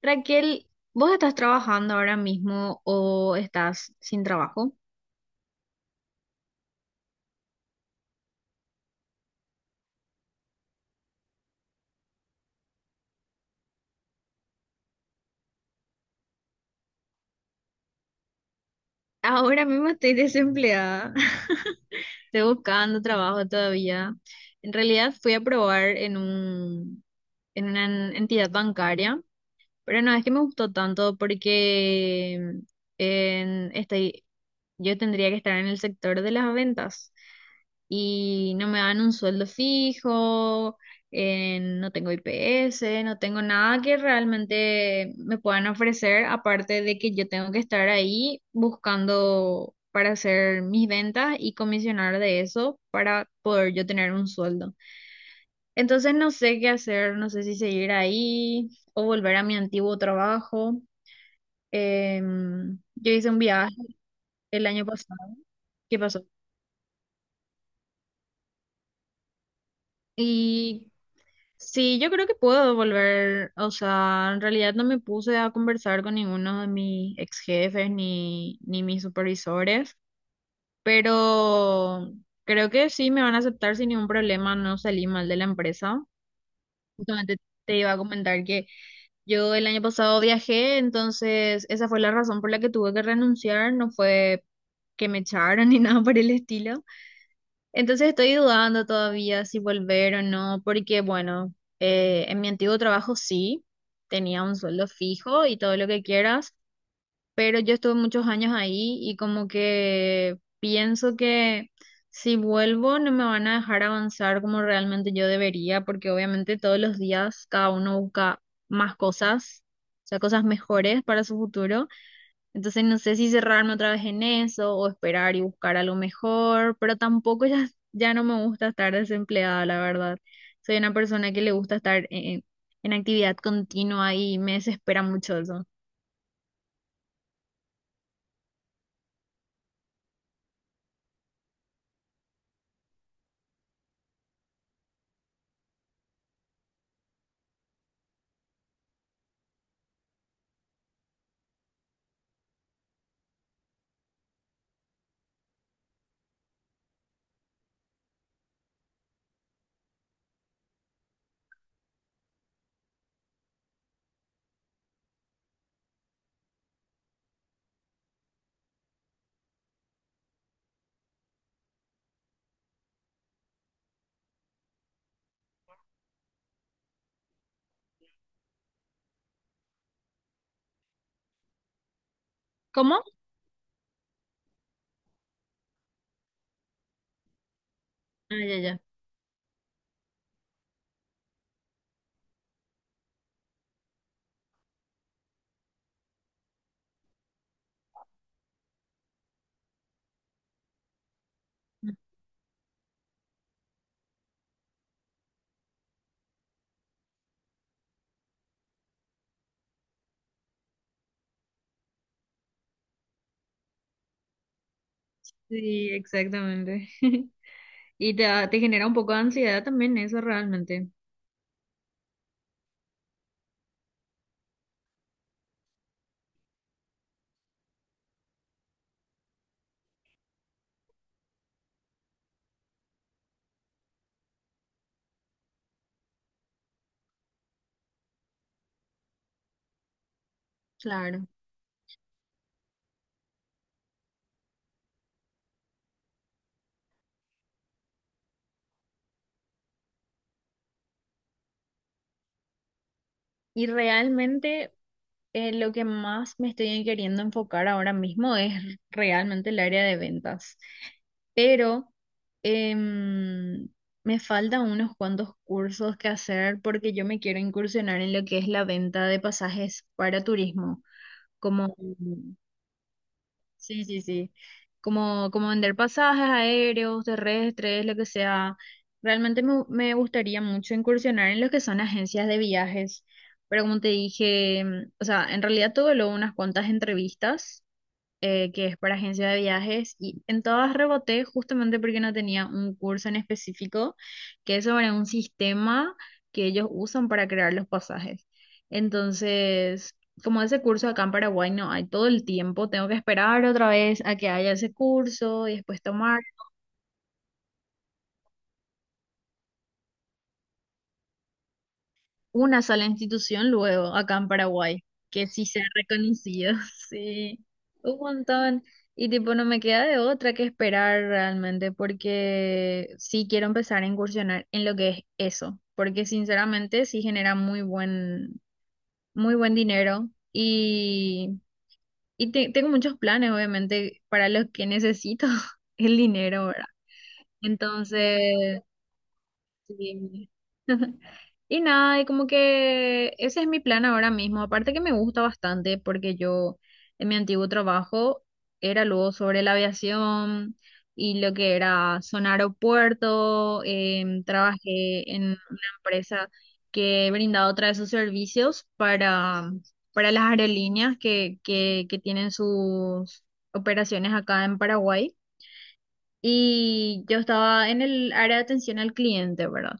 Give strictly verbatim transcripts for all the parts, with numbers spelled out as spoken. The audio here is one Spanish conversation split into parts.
Raquel, ¿vos estás trabajando ahora mismo o estás sin trabajo? Ahora mismo estoy desempleada. Estoy buscando trabajo todavía. En realidad fui a probar en un, en una en- entidad bancaria, pero no es que me gustó tanto porque en, estoy, yo tendría que estar en el sector de las ventas, y no me dan un sueldo fijo, eh, no tengo I P S, no tengo nada que realmente me puedan ofrecer, aparte de que yo tengo que estar ahí buscando para hacer mis ventas y comisionar de eso para poder yo tener un sueldo. Entonces no sé qué hacer, no sé si seguir ahí o volver a mi antiguo trabajo. Em, yo hice un viaje el año pasado. ¿Qué pasó? Y sí, yo creo que puedo volver, o sea, en realidad no me puse a conversar con ninguno de mis ex jefes ni, ni mis supervisores, pero creo que sí me van a aceptar sin ningún problema, no salí mal de la empresa. Justamente te iba a comentar que yo el año pasado viajé, entonces esa fue la razón por la que tuve que renunciar, no fue que me echaron ni nada por el estilo. Entonces estoy dudando todavía si volver o no, porque bueno, eh, en mi antiguo trabajo sí, tenía un sueldo fijo y todo lo que quieras, pero yo estuve muchos años ahí y como que pienso que si vuelvo no me van a dejar avanzar como realmente yo debería, porque obviamente todos los días cada uno busca más cosas, o sea, cosas mejores para su futuro. Entonces no sé si cerrarme otra vez en eso o esperar y buscar algo mejor, pero tampoco ya, ya no me gusta estar desempleada, la verdad. Soy una persona que le gusta estar en, en actividad continua y me desespera mucho eso. ¿Cómo? Ah, ya, ya. Sí, exactamente. Y te, da- te genera un poco de ansiedad también eso realmente. Claro. Y realmente eh, lo que más me estoy queriendo enfocar ahora mismo es realmente el área de ventas, pero em, me faltan unos cuantos cursos que hacer porque yo me quiero incursionar en lo que es la venta de pasajes para turismo, como sí, sí, sí. Como, como vender pasajes aéreos, terrestres, lo que sea. Realmente me, me gustaría mucho incursionar en lo que son agencias de viajes. Pero como te dije, mm, o sea, en realidad tuve luego unas cuantas entrevistas eh, que es para agencia de viajes, y en todas reboté justamente porque no tenía un curso en específico que es sobre un sistema que ellos usan para crear los pasajes. Entonces, como ese curso acá en Paraguay no hay todo el tiempo, tengo que esperar otra vez a que haya ese curso y después tomar. Una sola institución luego acá en Paraguay, que sí sea reconocido, sí, un montón. Y tipo, no me queda de otra que esperar realmente, porque sí quiero empezar a incursionar en lo que es eso, porque sinceramente sí genera muy buen, muy buen dinero y, y te- tengo muchos planes, obviamente, para los que necesito el dinero, ¿verdad? Entonces, sí. Y nada, y como que ese es mi plan ahora mismo. Aparte que me gusta bastante porque yo en mi antiguo trabajo era luego sobre la aviación y lo que era zona aeropuerto. Em, trabajé en una empresa que brindaba otra de sus servicios para, para las aerolíneas que, que, que tienen sus operaciones acá en Paraguay. Y yo estaba en el área de atención al cliente, ¿verdad?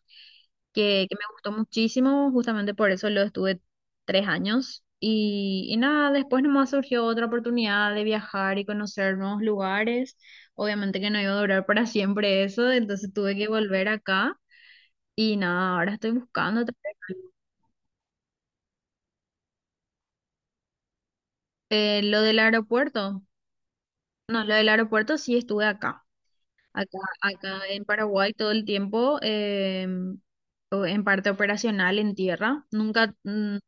que, Que me gustó muchísimo, justamente por eso lo estuve tres años. Y, y nada, después nomás surgió otra oportunidad de viajar y conocer nuevos lugares. Obviamente que no iba a durar para siempre eso, entonces tuve que volver acá. Y nada, ahora estoy buscando otra vez. Eh, lo del aeropuerto. No, lo del aeropuerto sí estuve acá. Acá, acá en Paraguay todo el tiempo, eh, o en parte operacional, en tierra. Nunca, mm, o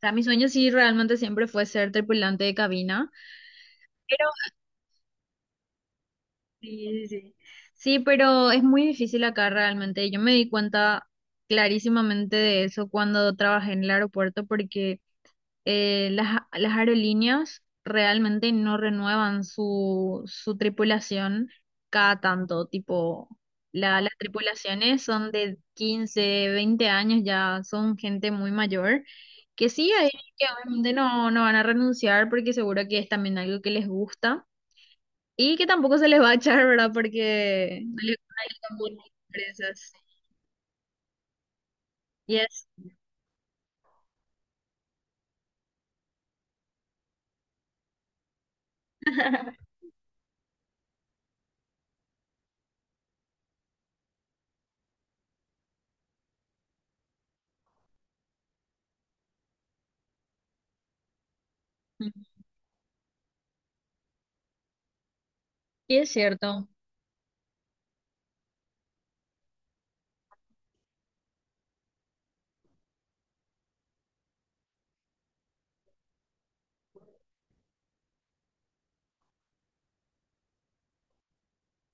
sea, mi sueño sí realmente siempre fue ser tripulante de cabina. Pero, sí, sí, sí. Sí, pero es muy difícil acá realmente. Yo me di cuenta clarísimamente de eso cuando trabajé en el aeropuerto porque eh, las, las aerolíneas realmente no renuevan su, su tripulación cada tanto, tipo, la, las tripulaciones son de quince veinte años, ya son gente muy mayor, que sí, hay que obviamente no, no van a renunciar porque seguro que es también algo que les gusta y que tampoco se les va a echar, ¿verdad? Porque no les gustan buenas empresas. Y es, y es cierto,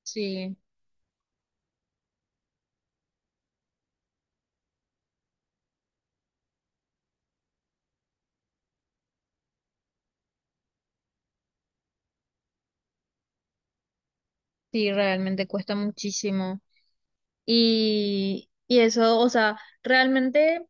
sí, sí, realmente cuesta muchísimo. Y, y eso, o sea, realmente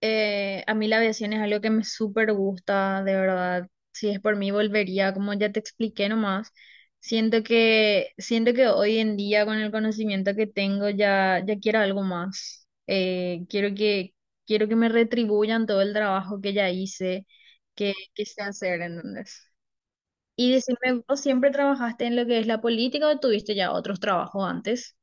eh, a mí la aviación es algo que me súper gusta, de verdad. Si es por mí, volvería, como ya te expliqué nomás. Siento que, siento que hoy en día, con el conocimiento que tengo, ya, ya quiero algo más. Eh, quiero que, quiero que me retribuyan todo el trabajo que ya hice, que, que sé hacer, ¿entendés? Y decime, ¿vos siempre trabajaste en lo que es la política o tuviste ya otros trabajos antes?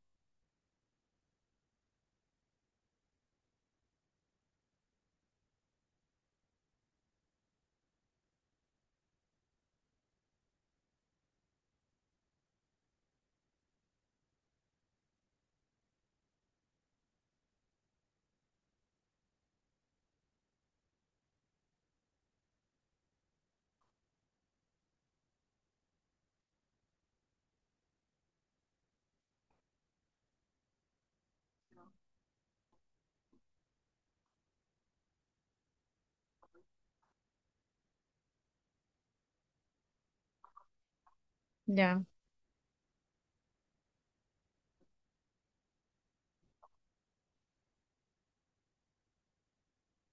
Ya,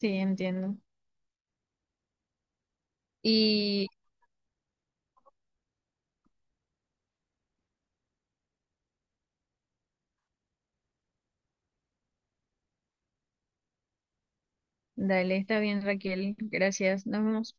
sí, entiendo. Y dale, está bien, Raquel. Gracias. Nos vemos.